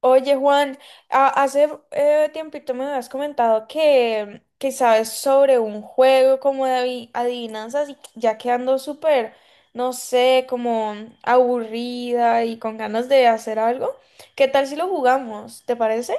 Oye, Juan, hace tiempito me habías comentado que sabes sobre un juego como de adivinanzas y ya quedando súper, no sé, como aburrida y con ganas de hacer algo. ¿Qué tal si lo jugamos? ¿Te parece?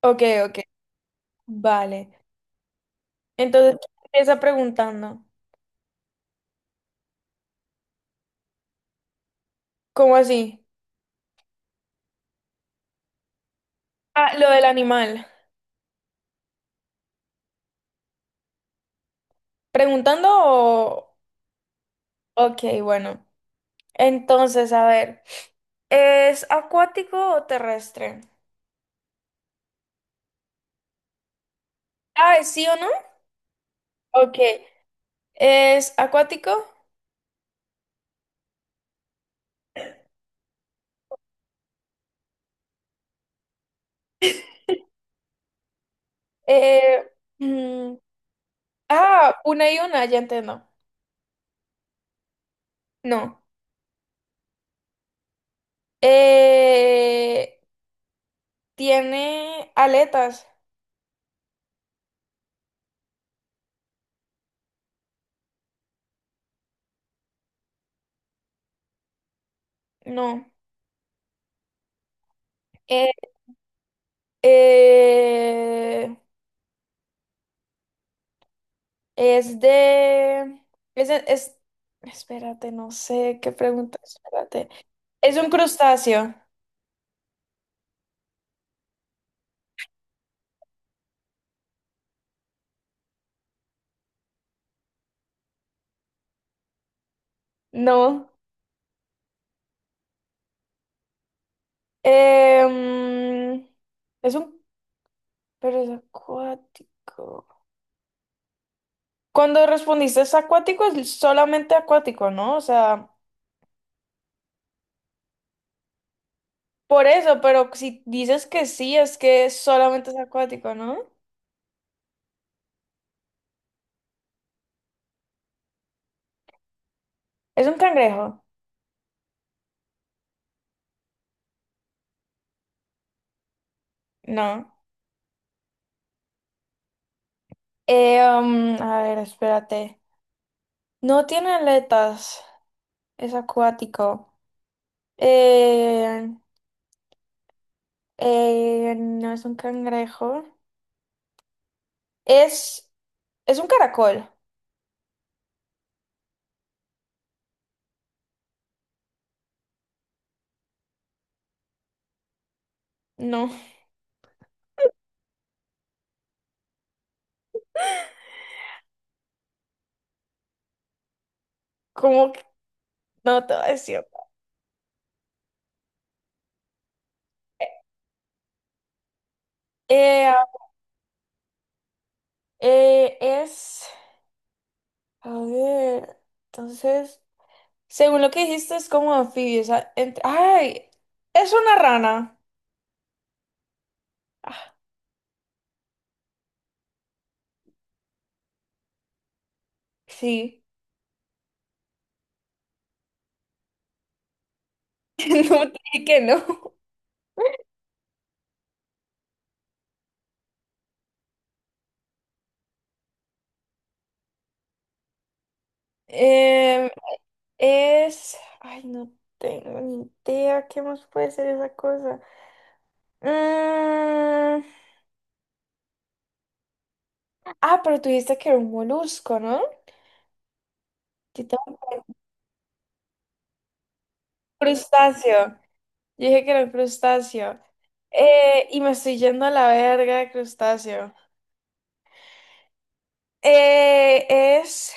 Ok, ok, vale. Entonces, ¿quién empieza preguntando? ¿Cómo así? Ah, lo del animal. ¿Preguntando o...? Ok, bueno. Entonces, a ver, ¿es acuático o terrestre? Ah, ¿es sí o no? Ok. ¿Es acuático? Eh, mm, ah, una y una, ya entiendo. No. Eh, ¿Tiene aletas? No. Eh, eh, es de... Es, de- es- Espérate, no sé qué pregunta. Espérate. ¿Es un crustáceo? No. Em, es un... Pero es acuático. Cuando respondiste es acuático, es solamente acuático, ¿no? O sea, por eso, pero si dices que sí, es que solamente es acuático, ¿no? ¿Es un cangrejo? No. A ver, espérate. No tiene aletas, es acuático. Eh, no es un cangrejo. Es, es un caracol. No, ¿cómo que no te voy a decir? Eh, eh, es, a ver, entonces... Según lo que dijiste, es como anfibio. O sea, ¡ay! Es una rana. Ah, sí. No te dije que no. Em, es. Ay, no tengo ni idea qué más puede ser esa cosa. Mm, Ah, pero tú dijiste que era un molusco, ¿no? Tito, un crustáceo. Yo dije que era un crustáceo. Y me estoy yendo a la verga de crustáceo. Eh, es.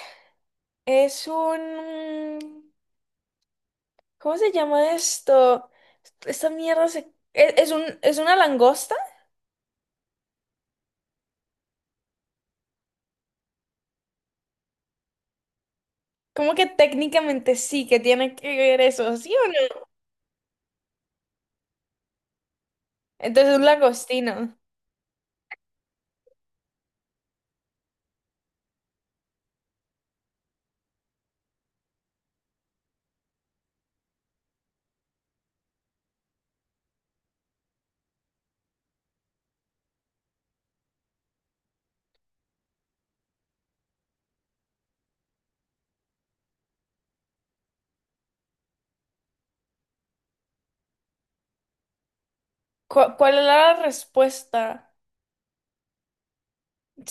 Es un. ¿Cómo se llama esto? Esta mierda se... es una langosta? ¿Cómo que técnicamente sí que tiene que ver eso? ¿Sí o no? Entonces es un langostino. ¿Cuál es la respuesta?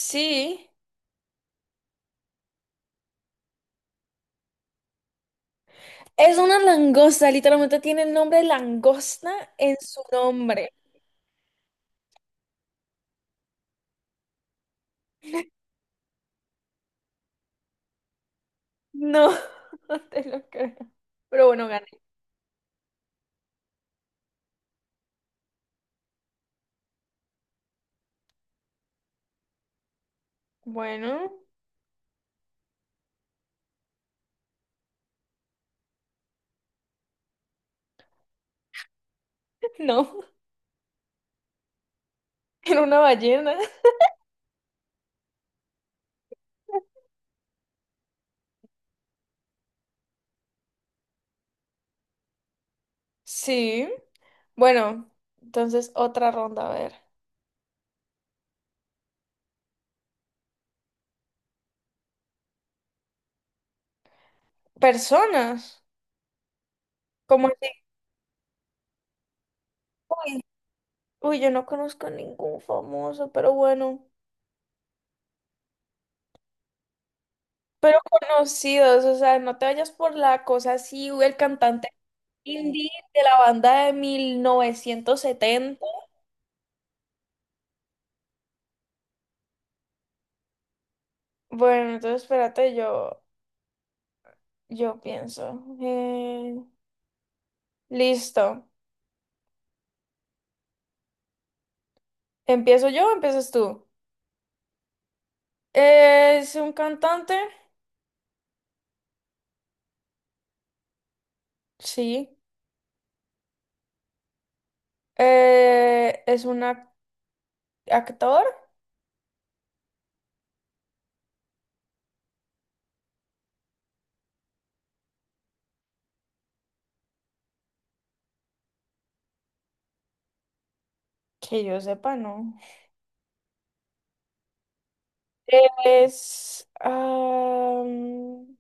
Sí. Es una langosta, literalmente tiene el nombre langosta en su nombre. No, no te lo creo. Pero bueno, gané. Bueno, no. Era una ballena. Sí. Bueno, entonces otra ronda, a ver. Personas. Como así, uy, uy, yo no conozco ningún famoso, pero bueno, conocidos, o sea, no te vayas por la cosa así, uy, el cantante indie de la banda de 1970. Bueno, entonces espérate, yo pienso. Listo. ¿Empiezo yo o empiezas tú? ¿Es un cantante? Sí. ¿Es un actor? Que yo sepa, no. Es...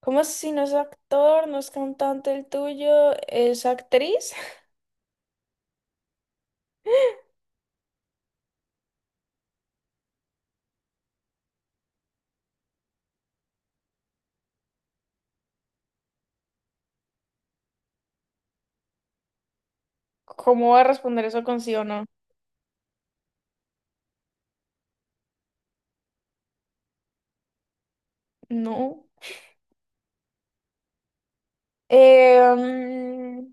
¿cómo si no es actor, no es cantante el tuyo, es actriz? ¿Cómo va a responder eso con sí o no? No. Eh, mm,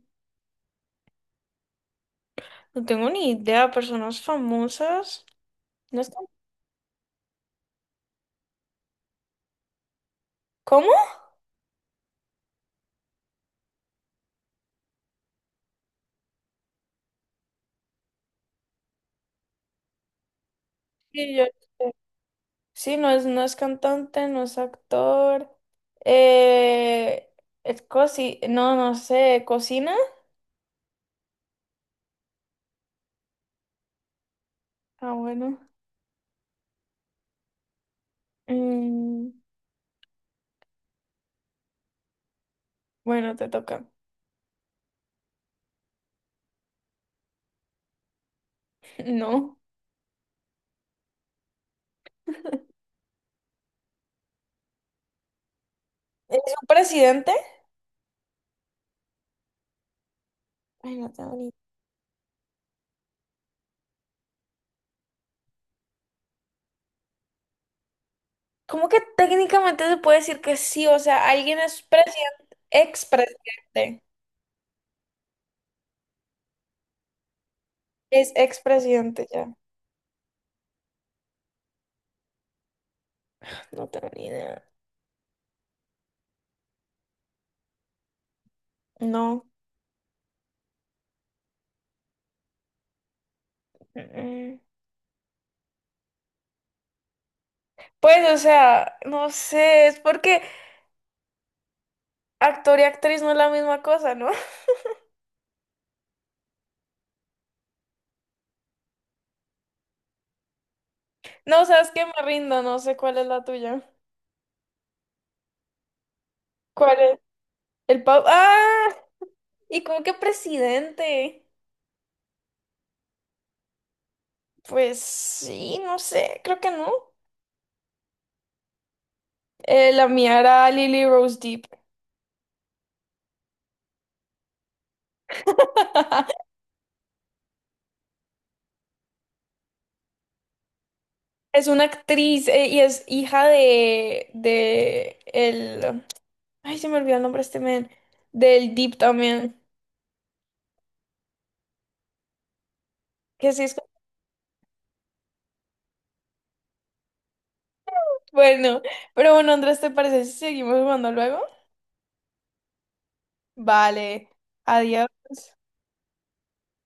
no tengo ni idea, personas famosas. No es can- ¿Cómo? Sí, yo- sí, no es, no es cantante, no es actor. Eh, es cosi, no, no sé, cocina. Ah, bueno. Mm, bueno, te toca. No. ¿Es un presidente? Ay, no tengo ni ¿cómo que técnicamente se puede decir que sí? O sea, alguien es presidente, expresidente. Es expresidente ya. No tengo ni idea. No. Mm. Pues, o sea, no sé, es porque actor y actriz no es la misma cosa, ¿no? No, sabes que me rindo, no sé cuál es la tuya. ¿Cuál es? El Pau. ¡Ah! ¿Y cómo que presidente? Pues sí, no sé, creo que no. La mía era Lily Rose Deep. Es una actriz y es hija de el, ay, se me olvidó el nombre de este men, del Deep también, que sí es bueno, pero bueno, Andrés, ¿te parece si seguimos jugando luego? Vale, adiós.